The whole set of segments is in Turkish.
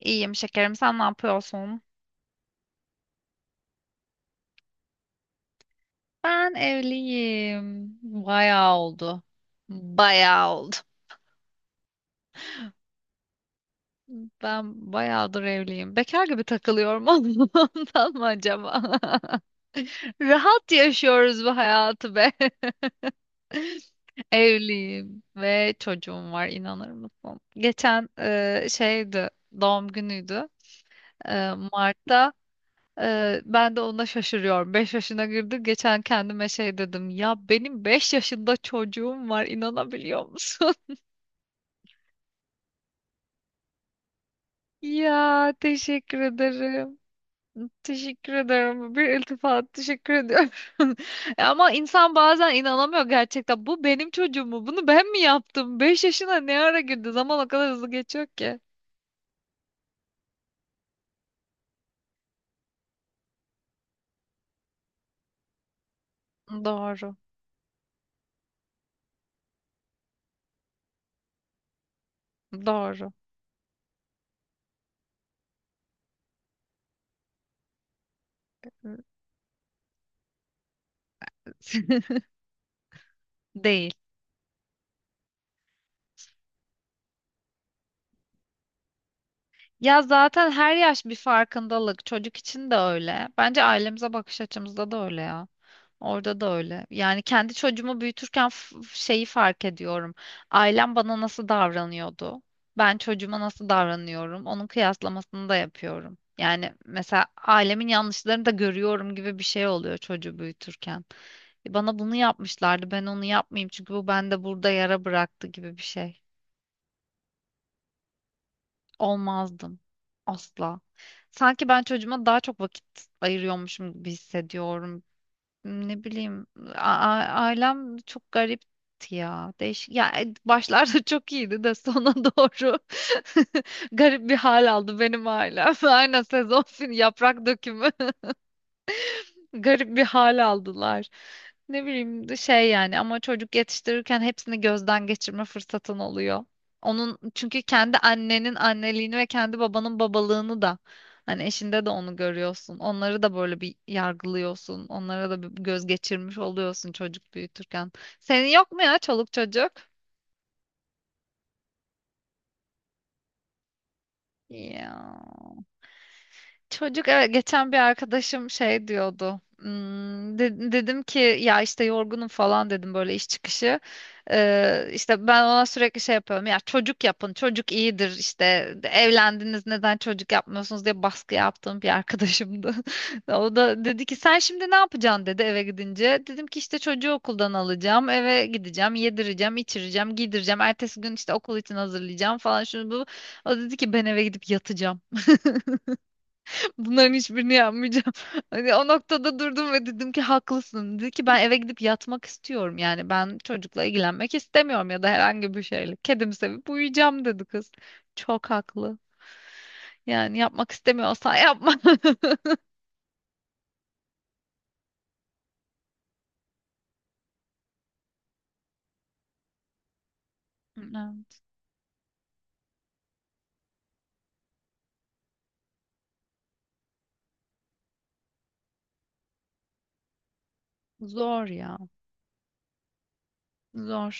İyiyim şekerim. Sen ne yapıyorsun? Ben evliyim. Bayağı oldu. Bayağı oldu. Ben bayağıdır evliyim. Bekar gibi takılıyorum ondan mı acaba? Rahat yaşıyoruz bu hayatı be. Evliyim ve çocuğum var inanır mısın? Geçen şeydi doğum günüydü Mart'ta. Ben de ona şaşırıyorum. 5 yaşına girdi. Geçen kendime şey dedim. Ya benim 5 yaşında çocuğum var. İnanabiliyor musun? Ya teşekkür ederim. Teşekkür ederim. Bir iltifat teşekkür ediyorum. E ama insan bazen inanamıyor gerçekten. Bu benim çocuğum mu? Bunu ben mi yaptım? 5 yaşına ne ara girdi? Zaman o kadar hızlı geçiyor ki. Doğru. Doğru. Değil. Ya zaten her yaş bir farkındalık. Çocuk için de öyle. Bence ailemize bakış açımızda da öyle ya. Orada da öyle. Yani kendi çocuğumu büyütürken şeyi fark ediyorum. Ailem bana nasıl davranıyordu? Ben çocuğuma nasıl davranıyorum? Onun kıyaslamasını da yapıyorum. Yani mesela ailemin yanlışlarını da görüyorum gibi bir şey oluyor çocuğu büyütürken. Bana bunu yapmışlardı. Ben onu yapmayayım çünkü bu bende burada yara bıraktı gibi bir şey. Olmazdım. Asla. Sanki ben çocuğuma daha çok vakit ayırıyormuşum gibi hissediyorum. Ne bileyim, ailem çok garipti ya. Değişik. Ya başlarda çok iyiydi de sona doğru garip bir hal aldı benim ailem. Aynen sezon fin yaprak dökümü. Garip bir hal aldılar. Ne bileyim de şey yani ama çocuk yetiştirirken hepsini gözden geçirme fırsatın oluyor. Onun çünkü kendi annenin anneliğini ve kendi babanın babalığını da hani eşinde de onu görüyorsun. Onları da böyle bir yargılıyorsun. Onlara da bir göz geçirmiş oluyorsun çocuk büyütürken. Senin yok mu ya çoluk çocuk? Ya. Çocuk evet, geçen bir arkadaşım şey diyordu. Hmm, dedim ki ya işte yorgunum falan dedim böyle iş çıkışı. İşte ben ona sürekli şey yapıyorum. Ya çocuk yapın, çocuk iyidir. İşte. Evlendiniz neden çocuk yapmıyorsunuz diye baskı yaptığım bir arkadaşımdı. O da dedi ki sen şimdi ne yapacaksın dedi eve gidince. Dedim ki işte çocuğu okuldan alacağım, eve gideceğim, yedireceğim, içireceğim, giydireceğim. Ertesi gün işte okul için hazırlayacağım falan şunu bu. O dedi ki ben eve gidip yatacağım. Bunların hiçbirini yapmayacağım. Hani o noktada durdum ve dedim ki haklısın. Dedi ki ben eve gidip yatmak istiyorum. Yani ben çocukla ilgilenmek istemiyorum ya da herhangi bir şeyle. Kedimi sevip uyuyacağım dedi kız. Çok haklı. Yani yapmak istemiyorsan yapma. Hmm, zor ya. Zor.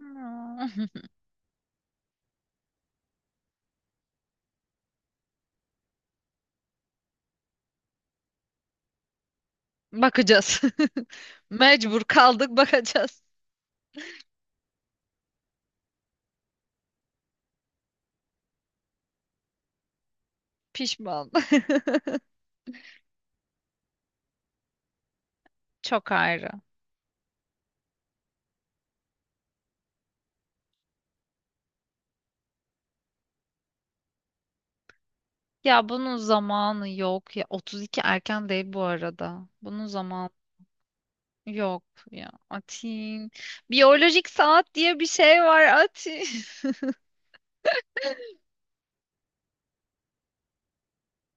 Hmm. Bakacağız. Mecbur kaldık bakacağız. Pişman. Çok ayrı. Ya bunun zamanı yok ya. 32 erken değil bu arada. Bunun zamanı yok ya Atin. Biyolojik saat diye bir şey var Atin.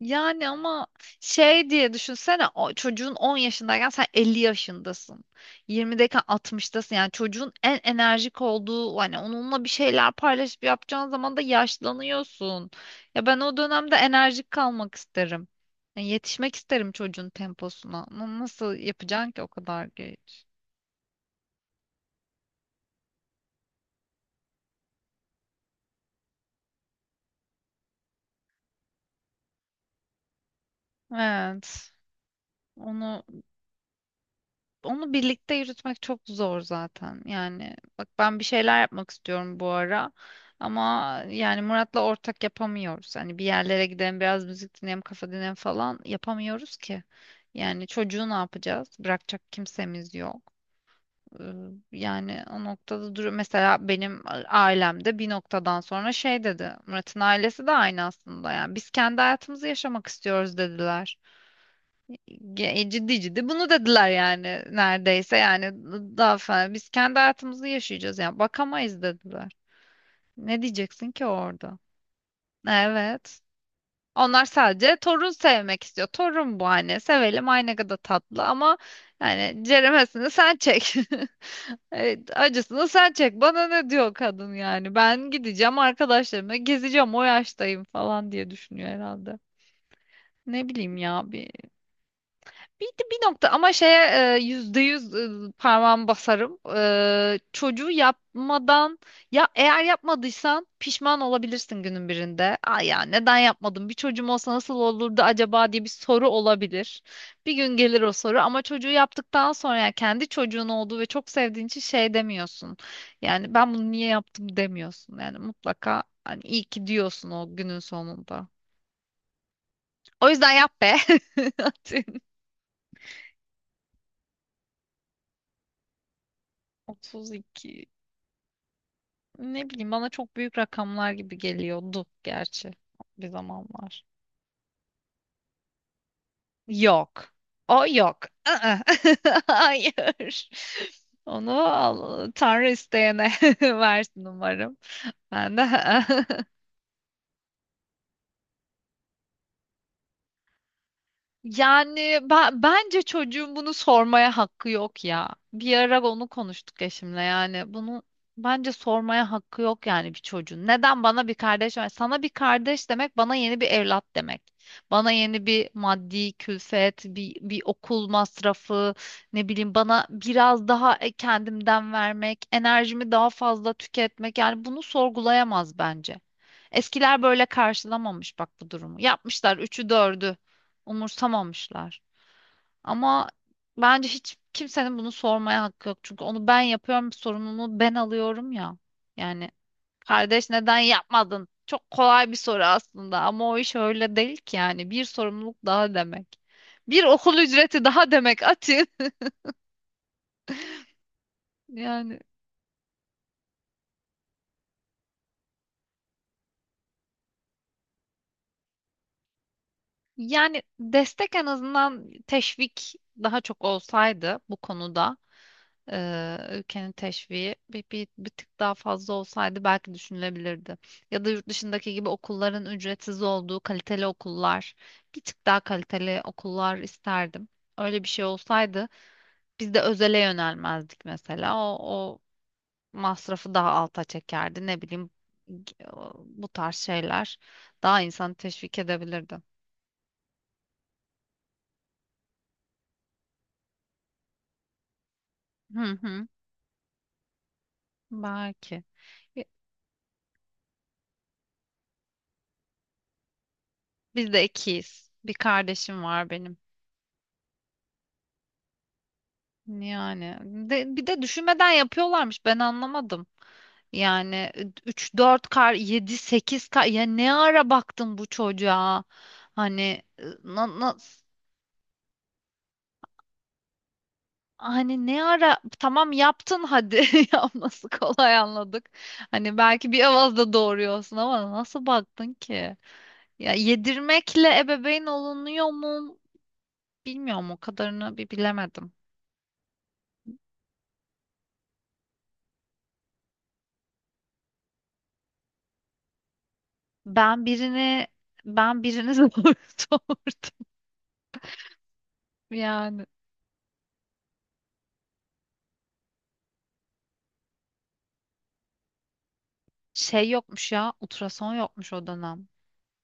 Yani ama şey diye düşünsene o çocuğun 10 yaşındayken sen 50 yaşındasın. 20'deyken 60'tasın. Yani çocuğun en enerjik olduğu hani onunla bir şeyler paylaşıp yapacağın zaman da yaşlanıyorsun. Ya ben o dönemde enerjik kalmak isterim. Yani yetişmek isterim çocuğun temposuna. Ama nasıl yapacaksın ki o kadar geç? Evet. Onu onu birlikte yürütmek çok zor zaten. Yani bak ben bir şeyler yapmak istiyorum bu ara. Ama yani Murat'la ortak yapamıyoruz. Hani bir yerlere gidelim, biraz müzik dinleyelim, kafa dinleyelim falan yapamıyoruz ki. Yani çocuğu ne yapacağız? Bırakacak kimsemiz yok. Ee, Yani o noktada duruyor. Mesela benim ailemde bir noktadan sonra şey dedi. Murat'ın ailesi de aynı aslında. Yani biz kendi hayatımızı yaşamak istiyoruz dediler. Ciddi ciddi bunu dediler yani neredeyse yani daha fena biz kendi hayatımızı yaşayacağız yani bakamayız dediler. Ne diyeceksin ki orada? Evet. Onlar sadece torun sevmek istiyor. Torun bu hani sevelim ay ne kadar tatlı ama yani ceremesini sen çek. Evet, acısını sen çek. Bana ne diyor kadın yani? Ben gideceğim arkadaşlarımla gezeceğim o yaştayım falan diye düşünüyor herhalde. Ne bileyim ya bir bir, bir nokta ama şeye yüzde yüz parmağımı basarım. Çocuğu yapmadan ya eğer yapmadıysan pişman olabilirsin günün birinde. Ay ya neden yapmadım? Bir çocuğum olsa nasıl olurdu acaba diye bir soru olabilir. Bir gün gelir o soru ama çocuğu yaptıktan sonra yani kendi çocuğun olduğu ve çok sevdiğin için şey demiyorsun. Yani ben bunu niye yaptım demiyorsun. Yani mutlaka hani iyi ki diyorsun o günün sonunda. O yüzden yap be. Atıyorum. 32. Ne bileyim bana çok büyük rakamlar gibi geliyordu gerçi bir zamanlar. Yok. O yok. Aa, hayır. Tanrı isteyene versin umarım. Ben de yani ben, bence çocuğun bunu sormaya hakkı yok ya. Bir ara onu konuştuk eşimle yani bunu bence sormaya hakkı yok yani bir çocuğun. Neden bana bir kardeş var? Sana bir kardeş demek bana yeni bir evlat demek. Bana yeni bir maddi külfet, bir, bir okul masrafı, ne bileyim bana biraz daha kendimden vermek, enerjimi daha fazla tüketmek yani bunu sorgulayamaz bence. Eskiler böyle karşılamamış bak bu durumu. Yapmışlar üçü dördü umursamamışlar. Ama bence hiç kimsenin bunu sormaya hakkı yok. Çünkü onu ben yapıyorum, sorumluluğu ben alıyorum ya. Yani kardeş neden yapmadın? Çok kolay bir soru aslında ama o iş öyle değil ki yani. Bir sorumluluk daha demek. Bir okul ücreti daha demek Atin. Yani yani destek en azından teşvik daha çok olsaydı bu konuda ülkenin teşviği bir tık daha fazla olsaydı belki düşünülebilirdi. Ya da yurt dışındaki gibi okulların ücretsiz olduğu kaliteli okullar, bir tık daha kaliteli okullar isterdim. Öyle bir şey olsaydı biz de özele yönelmezdik mesela. O masrafı daha alta çekerdi. Ne bileyim bu tarz şeyler daha insanı teşvik edebilirdi. Hı hı. Belki. Bi- Biz de ikiyiz. Bir kardeşim var benim. Yani bir de düşünmeden yapıyorlarmış. Ben anlamadım. Yani 3 4 kar 7 8 kar ya ne ara baktın bu çocuğa? Hani na, na- hani ne ara tamam yaptın hadi yapması kolay anladık. Hani belki bir avazda doğuruyorsun ama nasıl baktın ki? Ya yedirmekle ebeveyn olunuyor mu? Bilmiyorum o kadarını bir bilemedim. Ben birini ben birini zor doğurdum yani. Şey yokmuş ya ultrason yokmuş o dönem.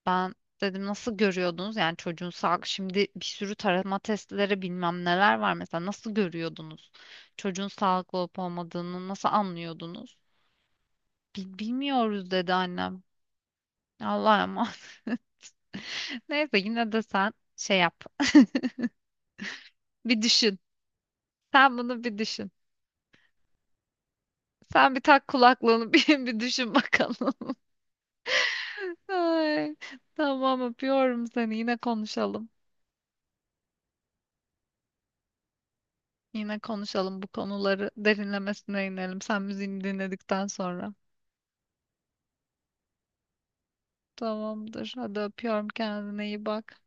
Ben dedim nasıl görüyordunuz yani çocuğun sağlık şimdi bir sürü tarama testleri bilmem neler var mesela nasıl görüyordunuz? Çocuğun sağlıklı olup olmadığını nasıl anlıyordunuz? Bilmiyoruz dedi annem. Allah'a emanet. Neyse yine de sen şey yap. Bir düşün. Sen bunu bir düşün. Sen bir tak kulaklığını bir düşün bakalım. Ay, tamam öpüyorum seni. Yine konuşalım. Yine konuşalım bu konuları derinlemesine inelim. Sen müziğini dinledikten sonra. Tamamdır. Hadi öpüyorum kendine iyi bak.